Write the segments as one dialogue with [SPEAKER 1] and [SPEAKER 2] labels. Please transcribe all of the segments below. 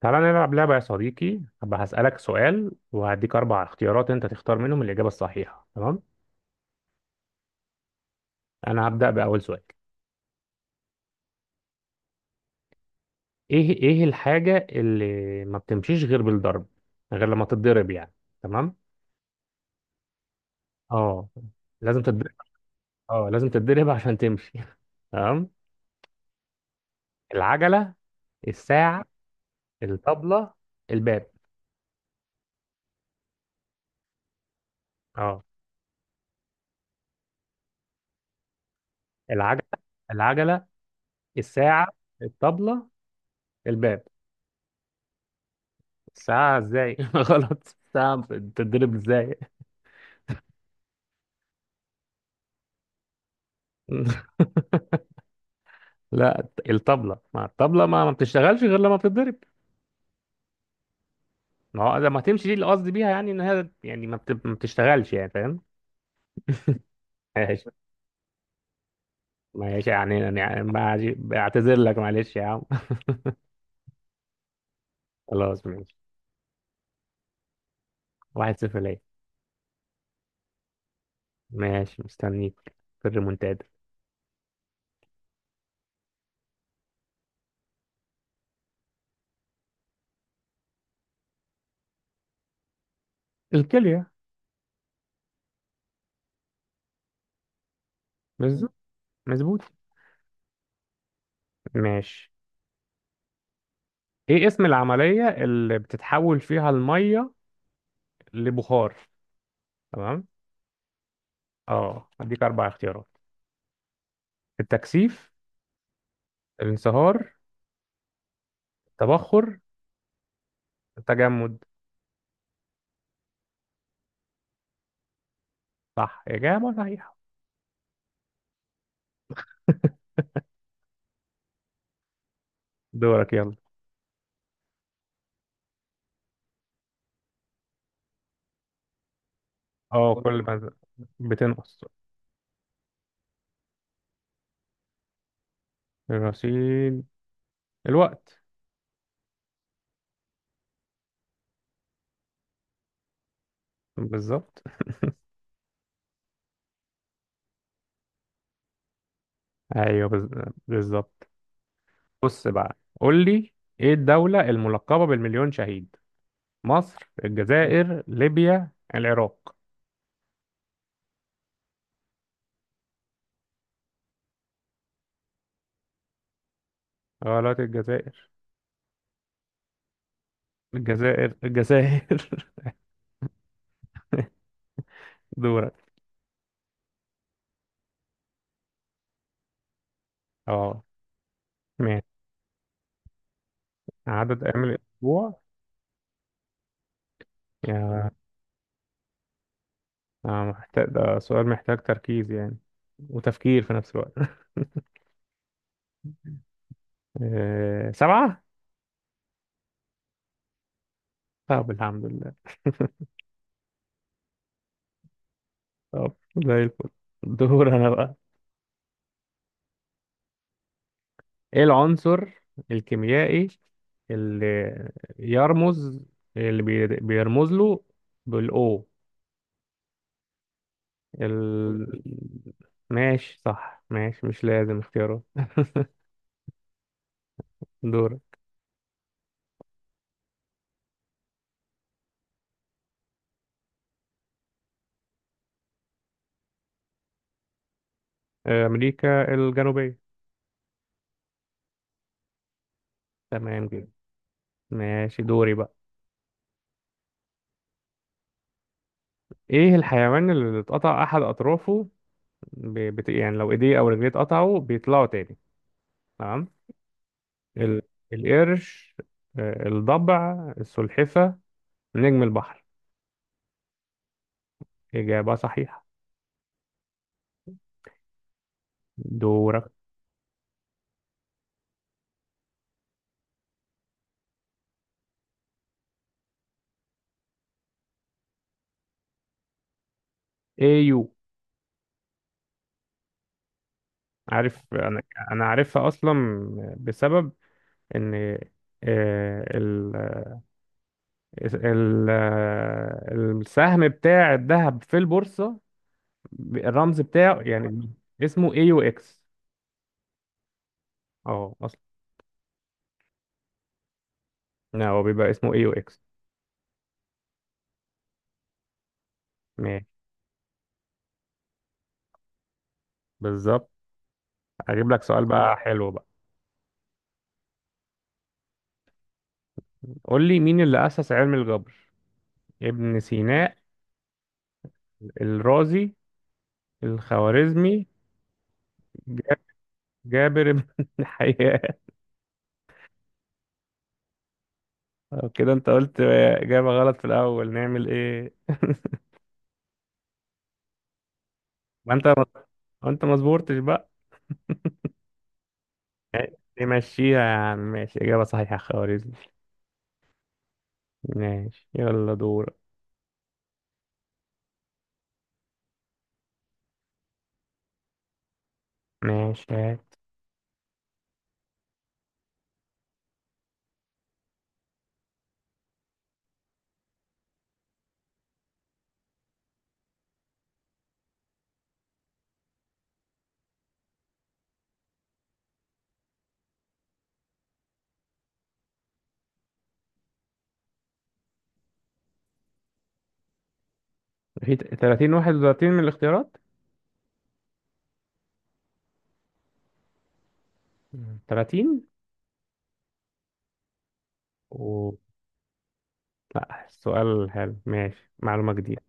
[SPEAKER 1] تعالى نلعب لعبة يا صديقي، هبقى هسألك سؤال وهديك أربع اختيارات، أنت تختار منهم الإجابة الصحيحة. تمام، أنا هبدأ بأول سؤال. إيه الحاجة اللي ما بتمشيش غير بالضرب، غير لما تتضرب يعني؟ تمام. أه لازم تتضرب. أه لازم تتضرب عشان تمشي. تمام. العجلة، الساعة، الطبلة، الباب. أه. العجلة. العجلة، الساعة، الطبلة، الباب. الساعة إزاي؟ غلط. الساعة بتتضرب إزاي؟ لا الطبلة. ما بتشتغلش غير لما بتتضرب. ما هو لما تمشي دي اللي قصدي بيها، يعني ان هي يعني ما بتشتغلش يعني، فاهم؟ ماشي ماشي. بعتذر لك، معلش يا عم. خلاص ماشي. واحد صفر ليا. ماشي مستنيك في الريمونتادا. الكلية. بالظبط. مظبوط. ماشي. ايه اسم العملية اللي بتتحول فيها المية لبخار؟ تمام. اه هديك اربع اختيارات: التكثيف، الانصهار، التبخر، التجمد. صح إجابة صحيحة. دورك يلا. اه كل دورك. ما بتنقص. الرصيد، الوقت. بالظبط. ايوه بز- بالظبط. بص بقى قول لي، ايه الدولة الملقبة بالمليون شهيد؟ مصر، الجزائر، ليبيا، العراق. غلط، الجزائر. الجزائر الجزائر. دورك. اه ماشي. عدد ايام الاسبوع؟ يا. محتاج، ده سؤال محتاج تركيز يعني وتفكير في نفس الوقت. سبعة. طب الحمد لله. طب زي الفل. دور انا بقى. ايه العنصر الكيميائي اللي يرمز، بيرمز له بالاو ال...؟ ماشي صح، ماشي مش لازم اختياره. دور. امريكا الجنوبية. تمام جدا. ماشي دوري بقى. ايه الحيوان اللي اتقطع احد اطرافه، يعني لو ايديه او رجليه اتقطعوا بيطلعوا تاني؟ تمام. ال... القرش، الضبع، السلحفة، نجم البحر. إجابة صحيحة. دورك. أيو. عارف أنا. أنا عارفها أصلا، بسبب إن ال... السهم بتاع الذهب في البورصة، الرمز بتاعه يعني، اسمه أيو إكس. أه أصلا. لا هو بيبقى اسمه أيو إكس. ماشي. بالظبط. أجيب لك سؤال بقى حلو بقى. قول لي، مين اللي أسس علم الجبر؟ ابن سينا، الرازي، الخوارزمي، جا- جابر بن حيان. طب كده انت قلت إجابة غلط في الأول، نعمل ايه؟ ما انت ما انت ما صبرتش بقى. نمشيها يا عم. ماشي إجابة صحيحة، خوارزمي. ماشي يلا دور. ماشي هات. في 30 واحد وثلاثين من الاختيارات. 30 و... لا السؤال حلو، ماشي معلومة جديدة.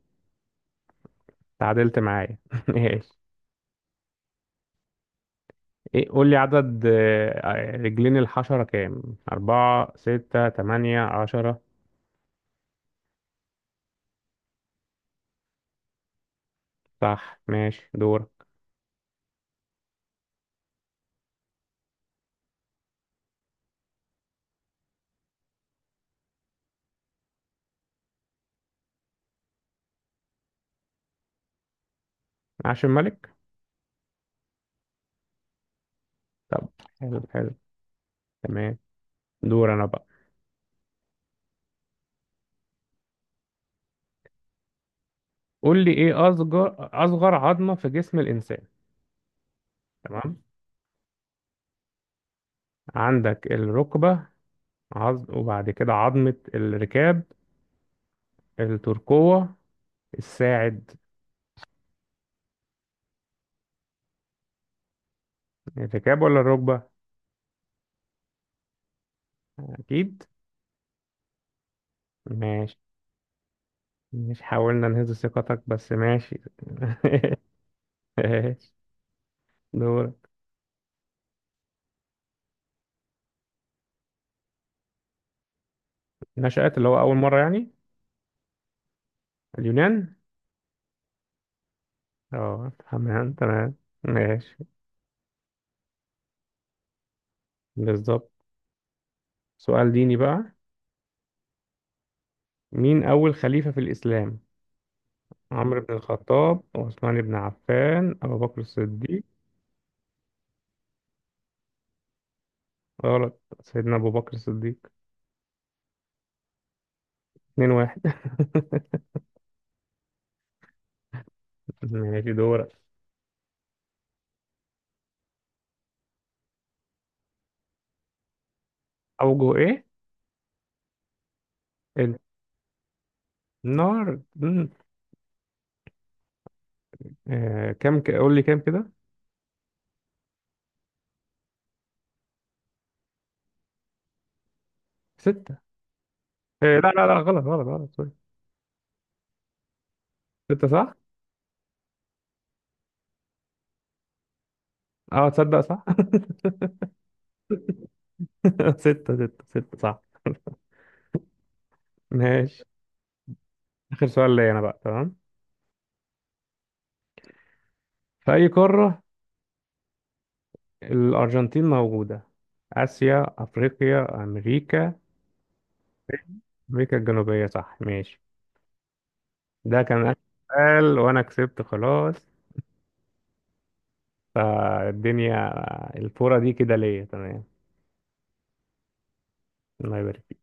[SPEAKER 1] تعادلت معايا. ماشي. ايه، قول لي، عدد رجلين الحشرة كام؟ أربعة، ستة، تمانية، عشرة. صح ماشي دور. عاش الملك. طب حلو حلو. تمام. دور أنا بقى. قول لي، ايه أصغر عظمة في جسم الإنسان؟ تمام. عندك الركبة، عظم، وبعد كده عظمة الركاب، الترقوة، الساعد. الركاب ولا الركبة؟ أكيد. ماشي. مش حاولنا نهز ثقتك بس ماشي. ماشي دور. نشأت، اللي هو أول مرة يعني. اليونان. اه تمام تمام. ماشي. بالظبط. سؤال ديني بقى. مين أول خليفة في الإسلام؟ عمرو بن الخطاب، عثمان بن عفان، أبو بكر الصديق. غلط، سيدنا أبو بكر الصديق. اتنين واحد. ماشي دورك. أوجه إيه؟ النار. مم. آه كم قول لي كام كده. ستة. آه لا لا لا غلط غلط غلط، سوري. ستة صح. اه تصدق صح. ستة ستة ستة صح. ماشي. آخر سؤال ليا أنا بقى، تمام. في أي قارة الأرجنتين موجودة؟ آسيا، أفريقيا، أمريكا. أمريكا الجنوبية صح. ماشي، ده كان آخر سؤال وأنا كسبت خلاص. الدنيا، الفورة دي كده ليا. تمام. الله يبارك.